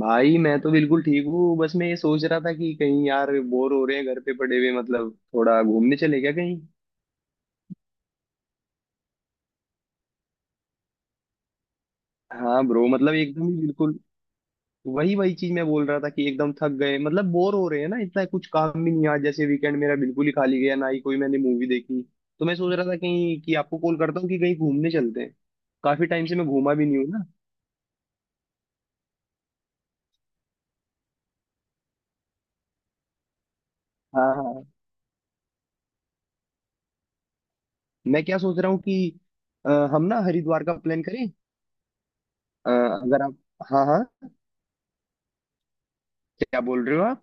भाई मैं तो बिल्कुल ठीक हूँ। बस मैं ये सोच रहा था कि कहीं यार बोर हो रहे हैं घर पे पड़े हुए, मतलब थोड़ा घूमने चले क्या कहीं। हाँ ब्रो, मतलब एकदम ही बिल्कुल वही वही चीज मैं बोल रहा था कि एकदम थक गए, मतलब बोर हो रहे हैं ना, इतना कुछ काम भी नहीं है। आज जैसे वीकेंड मेरा बिल्कुल ही खाली गया, ना ही कोई मैंने मूवी देखी। तो मैं सोच रहा था कहीं कि आपको कॉल करता हूँ कि कहीं घूमने चलते हैं। काफी टाइम से मैं घूमा भी नहीं हूँ ना। हाँ हाँ। मैं क्या सोच रहा हूँ कि हम ना हरिद्वार का प्लान करें। अगर आप। हाँ हाँ। क्या बोल रहे हो आप?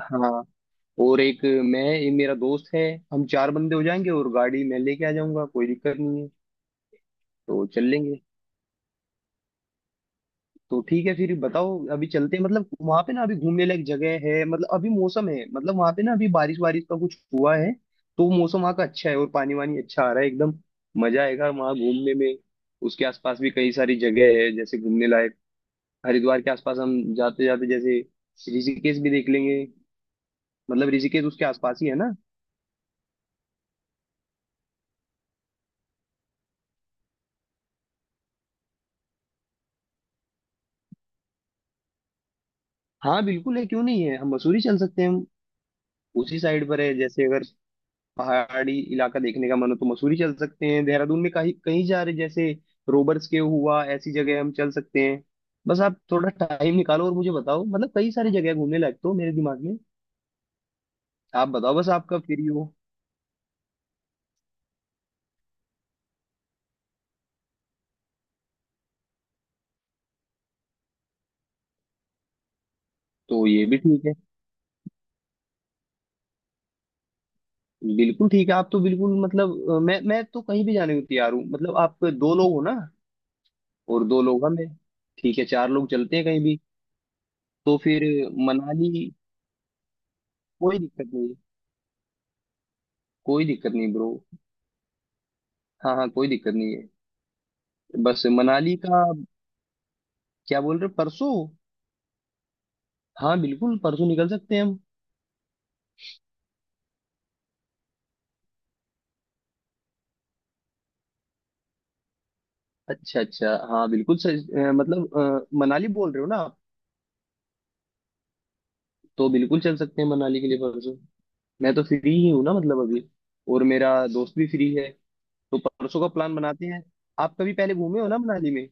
हाँ। और एक, मैं ये मेरा दोस्त है। हम चार बंदे हो जाएंगे और गाड़ी मैं लेके आ जाऊंगा, कोई दिक्कत नहीं है। तो चल लेंगे। तो ठीक है फिर, बताओ अभी चलते हैं, मतलब वहां पे ना अभी घूमने लायक जगह है, मतलब अभी मौसम है, मतलब वहां पे ना अभी बारिश बारिश का कुछ हुआ है। तो मौसम वहाँ का अच्छा है और पानी वानी अच्छा आ रहा है एकदम। मजा आएगा वहाँ घूमने में। उसके आसपास भी कई सारी जगह है जैसे घूमने लायक। हरिद्वार के आसपास हम जाते जाते जैसे ऋषिकेश भी देख लेंगे। मतलब ऋषिकेश उसके आसपास ही है ना। हाँ बिल्कुल है, क्यों नहीं है, हम मसूरी चल सकते हैं। उसी साइड पर है जैसे, अगर पहाड़ी इलाका देखने का मन हो तो मसूरी चल सकते हैं, देहरादून में कहीं कहीं जा रहे जैसे रोबर्स के हुआ ऐसी जगह हम चल सकते हैं। बस आप थोड़ा टाइम निकालो और मुझे बताओ, मतलब कई सारी जगह है घूमने लायक तो मेरे दिमाग में। आप बताओ बस आपका फ्री हो। तो ये भी ठीक है। बिल्कुल ठीक है, आप तो बिल्कुल मतलब मैं तो कहीं भी जाने को तैयार हूँ, मतलब आप दो लोग हो ना, और दो लोग हम हैं। ठीक है, चार लोग चलते हैं कहीं भी। तो फिर मनाली, कोई दिक्कत नहीं। कोई दिक्कत नहीं ब्रो। हाँ हाँ, कोई दिक्कत नहीं। बस मनाली का। क्या बोल रहे हो, परसों? हाँ बिल्कुल परसों निकल सकते हैं हम। अच्छा अच्छा, हाँ बिल्कुल सही। मतलब मनाली बोल रहे हो ना आप? तो बिल्कुल चल सकते हैं मनाली के लिए परसों। मैं तो फ्री ही हूँ ना, मतलब अभी। और मेरा दोस्त भी फ्री है। तो परसों का प्लान बनाते हैं। आप कभी पहले घूमे हो ना मनाली में?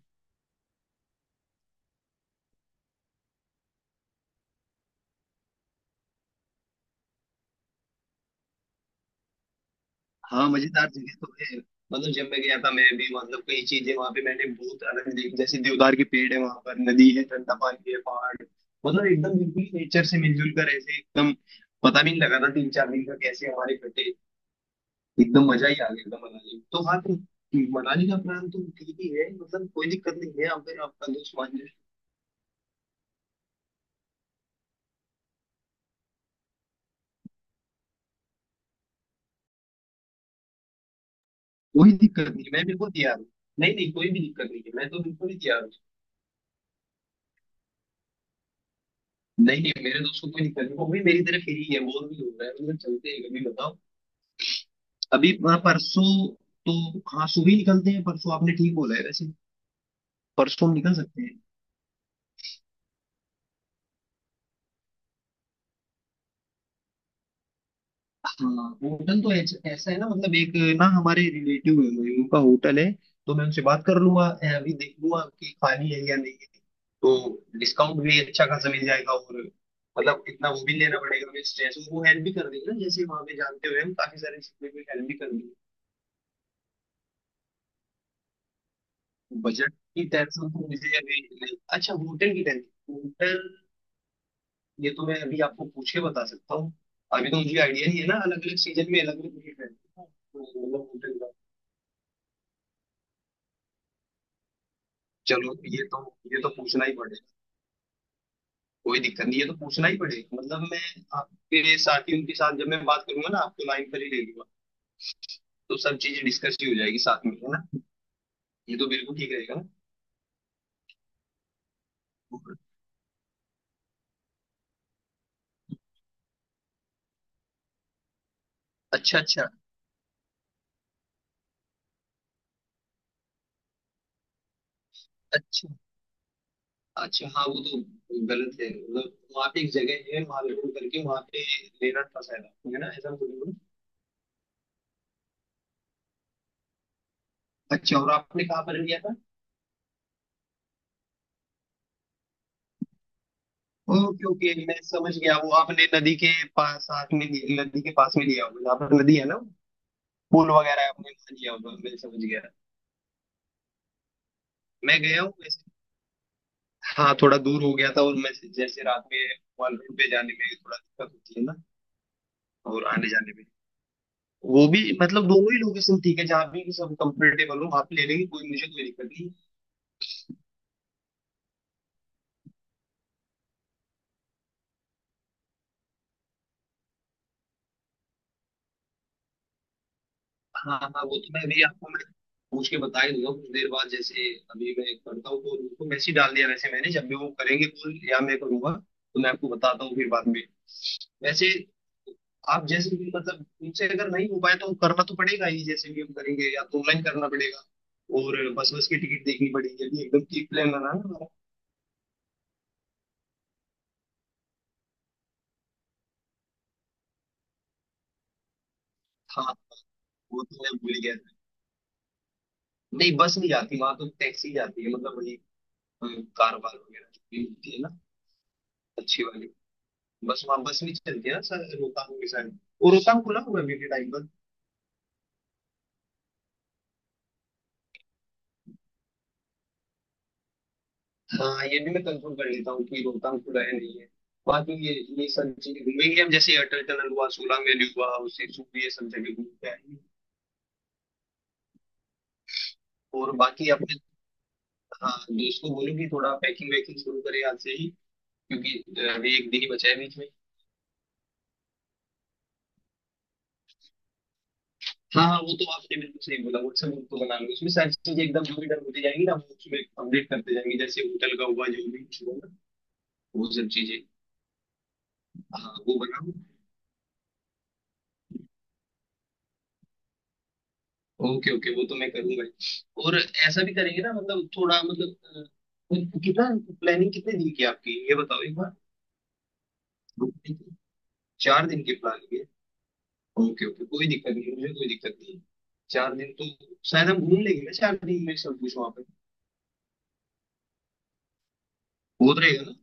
हाँ मजेदार जगह तो है। मतलब जब मैं गया था, मैं भी मतलब कई चीजें वहां पे मैंने बहुत अलग देखी, जैसे देवदार के पेड़ है वहां पर, नदी है, ठंडा पानी है, पहाड़ है। मतलब एकदम बिल्कुल नेचर से मिलजुल कर ऐसे एकदम, पता भी नहीं लगा था 3-4 दिन का कैसे हमारे कटे। एकदम मजा ही आ गया एकदम मनाली में। तो हाँ, तो मनाली का प्लान तो ठीक ही है, मतलब कोई दिक्कत नहीं है अगर आपका दोस्त मान जाए। कोई दिक्कत नहीं, मैं बिल्कुल तैयार हूँ। नहीं नहीं, कोई भी दिक्कत नहीं है, मैं तो बिल्कुल ही तैयार हूँ। नहीं नहीं, मेरे दोस्त को कोई दिक्कत नहीं, वो भी मेरी तरह फ्री है, बोर भी हो रहा है, मतलब चलते हैं, कभी बताओ। अभी परसों, तो हाँ सुबह ही निकलते हैं परसों, आपने ठीक बोला है वैसे। परसों हम निकल सकते हैं। हाँ होटल तो ऐसा है ना, मतलब एक ना हमारे रिलेटिव है वही, उनका होटल है। तो मैं उनसे बात कर लूंगा, अभी देख लूंगा कि खाली है या नहीं है। तो डिस्काउंट भी अच्छा खासा मिल जाएगा, और मतलब इतना वो भी लेना पड़ेगा हमें स्ट्रेस, वो हेल्प भी कर देंगे ना, जैसे वहां पे जानते हुए हम काफी सारे चीजों में हेल्प भी कर देंगे। बजट की टेंशन तो मुझे अभी नहीं- अच्छा होटल की टेंशन, होटल ये तो मैं अभी आपको पूछ के बता सकता हूँ। अभी तो मुझे आइडिया नहीं है ना, अलग अलग सीजन में अलग अलग रेट रहते हैं तो, मतलब होटल का। चलो ये तो, ये तो पूछना ही पड़ेगा। कोई दिक्कत नहीं, ये तो पूछना ही पड़ेगा, मतलब मैं आपके साथियों के साथ जब मैं बात करूंगा ना, आपको लाइन पर ही ले लूंगा। तो सब चीजें डिस्कस ही हो जाएगी साथ में, है ना। ये तो बिल्कुल ठीक रहेगा। ना अच्छा अच्छा। अच्छा अच्छा, हाँ वो तो गलत है, मतलब वहाँ पे एक जगह है वहाँ पे करके वहाँ पे लेना था शायद आपको, है ना? ऐसा कुछ बोलो। अच्छा, और आपने कहाँ पर लिया था? ओके ओके, मैं समझ गया, वो आपने नदी के पास साथ में लिया- नदी के पास में लिया होगा जहाँ पर नदी है ना, पुल वगैरह है, आपने वहाँ लिया होगा, मैं समझ गया। मैं गया हूँ वैसे। हाँ थोड़ा दूर हो गया था, और मैं जैसे रात में वन रोड पे जाने में थोड़ा दिक्कत होती है ना, और आने जाने में, वो भी मतलब, दोनों ही लोकेशन ठीक है, जहाँ भी सब कंफर्टेबल हो आप ले लेंगे, कोई मुझे कोई दिक्कत नहीं। हाँ हाँ, वो तो मैं अभी आपको, मैं पूछ के बता ही दूंगा कुछ देर बाद जैसे। अभी मैं करता हूँ, तो उनको मैसेज डाल दिया वैसे मैंने, जब भी वो करेंगे कॉल या मैं करूंगा, तो मैं आपको बताता हूँ फिर बाद में वैसे। आप जैसे भी, मतलब उनसे अगर नहीं हो पाए तो करना तो पड़ेगा ही, जैसे भी हम करेंगे, या तो ऑनलाइन करना पड़ेगा। और बस बस की टिकट देखनी पड़ेगी। अभी एकदम ठीक प्लान बना है हमारा। हाँ वो तो मैं भूल ही गया था। नहीं, बस नहीं जाती वहां, तो टैक्सी जाती है, मतलब वही अ, कार वार वगैरह जो भी होती है ना, अच्छी वाली। बस वहाँ बस नहीं चलती है ना सर, रोहतांग के साइड। वो रोहतांग खुला होगा अभी के टाइम पर? हाँ, ये भी मैं कंफर्म कर लेता हूँ कि रोहतांग खुला है नहीं है। बाकी ये सब चीजें घूमेंगे हम, जैसे अटल टनल हुआ, सोलांग वैली हुआ, उसे सूप, ये सब जगह घूम के आएंगे। और बाकी अपने, हाँ दोस्त को बोलो कि थोड़ा पैकिंग वैकिंग शुरू करे आज से ही, क्योंकि अभी 1 दिन ही बचा है बीच में। हाँ हाँ, वो तो आपने बिल्कुल सही बोला, व्हाट्सएप ग्रुप तो बना लो, उसमें सारी चीजें एकदम जो भी डन होती जाएंगी ना, वो उसमें अपडेट करते जाएंगे, जैसे होटल का हुआ, जो भी कुछ होगा, वो सब चीजें। हाँ वो बनाओ। ओके ओके, वो तो मैं करूंगा ही। और ऐसा भी करेंगे ना, मतलब थोड़ा मतलब कितना प्लानिंग कितने दिन की है आपकी, ये बताओ एक बार। 2 दिन की? चार दिन की प्लानिंग है? ओके ओके, कोई दिक्कत नहीं, मुझे कोई दिक्कत नहीं है। 4 दिन तो शायद हम घूम लेंगे ना, 4 दिन में सब कुछ वहां पे, हो रहेगा ना।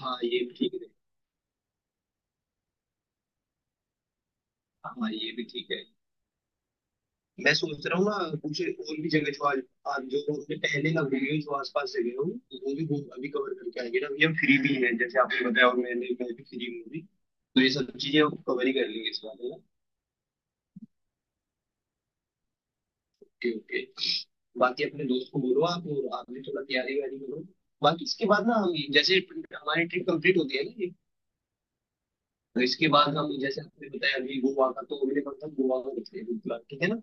हाँ ये भी ठीक है। हाँ ये भी ठीक है। मैं सोच रहा हूँ ना कुछ और भी जगह जो आज, आज जो हमने पहले ना घूमी हुई जो आसपास जगह हो, वो भी घूम अभी कवर करके आएंगे ना, अभी हम फ्री भी हैं जैसे आपने बताया, और मैंने मैं भी फ्री हूँ अभी। तो ये सब चीजें कवर ही कर लेंगे इस बार, है ना। Okay okay. बाकी अपने दोस्त को बोलो आप, और आप भी थोड़ा तैयारी वैयारी करो। बाकी इसके बाद ना हम जैसे, हमारी ट्रिप कंप्लीट होती है ना ये, तो इसके बाद हम जैसे आपने बताया, अभी गोवा का, तो अगले मंथ हम गोवा का करते हैं बिल्कुल, ठीक है ना?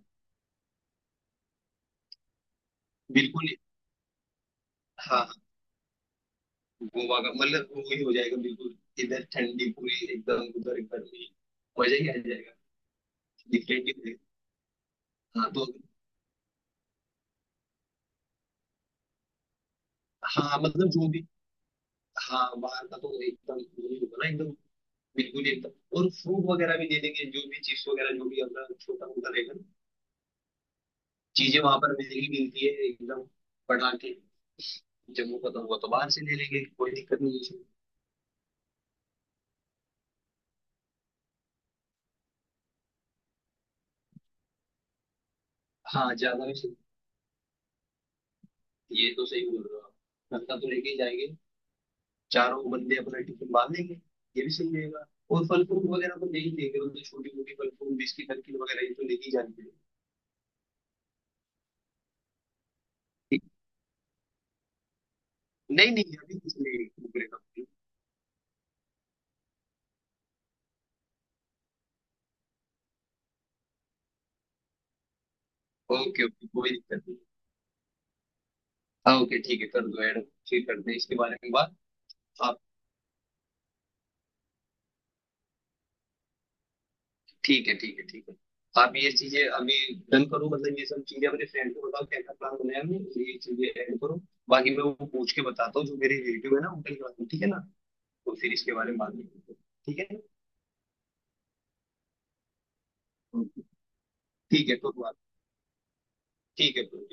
बिल्कुल। हाँ गोवा का मतलब वही हो जाएगा, बिल्कुल इधर ठंडी पूरी एकदम, उधर गर्मी। मजा ही आ जाएगा। डिफरेंट ही रहेगा। हाँ तो, हाँ मतलब जो भी, हाँ बाहर का तो एकदम वो नहीं होगा ना एकदम, बिल्कुल ही एकदम। और फ्रूट वगैरह भी दे देंगे, जो भी चिप्स वगैरह जो भी अपना छोटा मोटा रहेगा ना। चीजें वहां पर महंगी मिलती है एकदम, बढ़ा के। जम्मू का तो हुआ तो बाहर से ले लेंगे, कोई दिक्कत नहीं है इसमें। हाँ ज्यादा भी सही। ये तो सही बोल रहे हो आप। नलका तो लेके ही जाएंगे, चारों बंदे अपना टिफिन बांध लेंगे, ये भी सही रहेगा। और फल फ्रूट वगैरह तो ले ही लेंगे, मतलब छोटी मोटी फल फ्रूट बिस्किट नमकीन वगैरह ये तो ले ही जानी पड़ेगी। नहीं नहीं अभी कुछ नहीं, ब्रेकअप नहीं। ओके ओके, कोई दिक्कत नहीं। हाँ ओके ठीक है, कर दो ऐड। फिर करते हैं इसके बारे में बात। आप ठीक है ठीक है ठीक है। आप ये चीजें अभी डन करो, मतलब ये सब चीजें अपने फ्रेंड को बताओ, कैसा प्लान बनाया हमने, ये चीजें ऐड करो। बाकी मैं वो पूछ के बताता हूँ जो मेरे रिलेटिव है ना उनके लिए, ठीक है ना? तो फिर इसके बारे में बात करेंगे। ठीक है ना? ठीक है तो बात, ठीक है तो।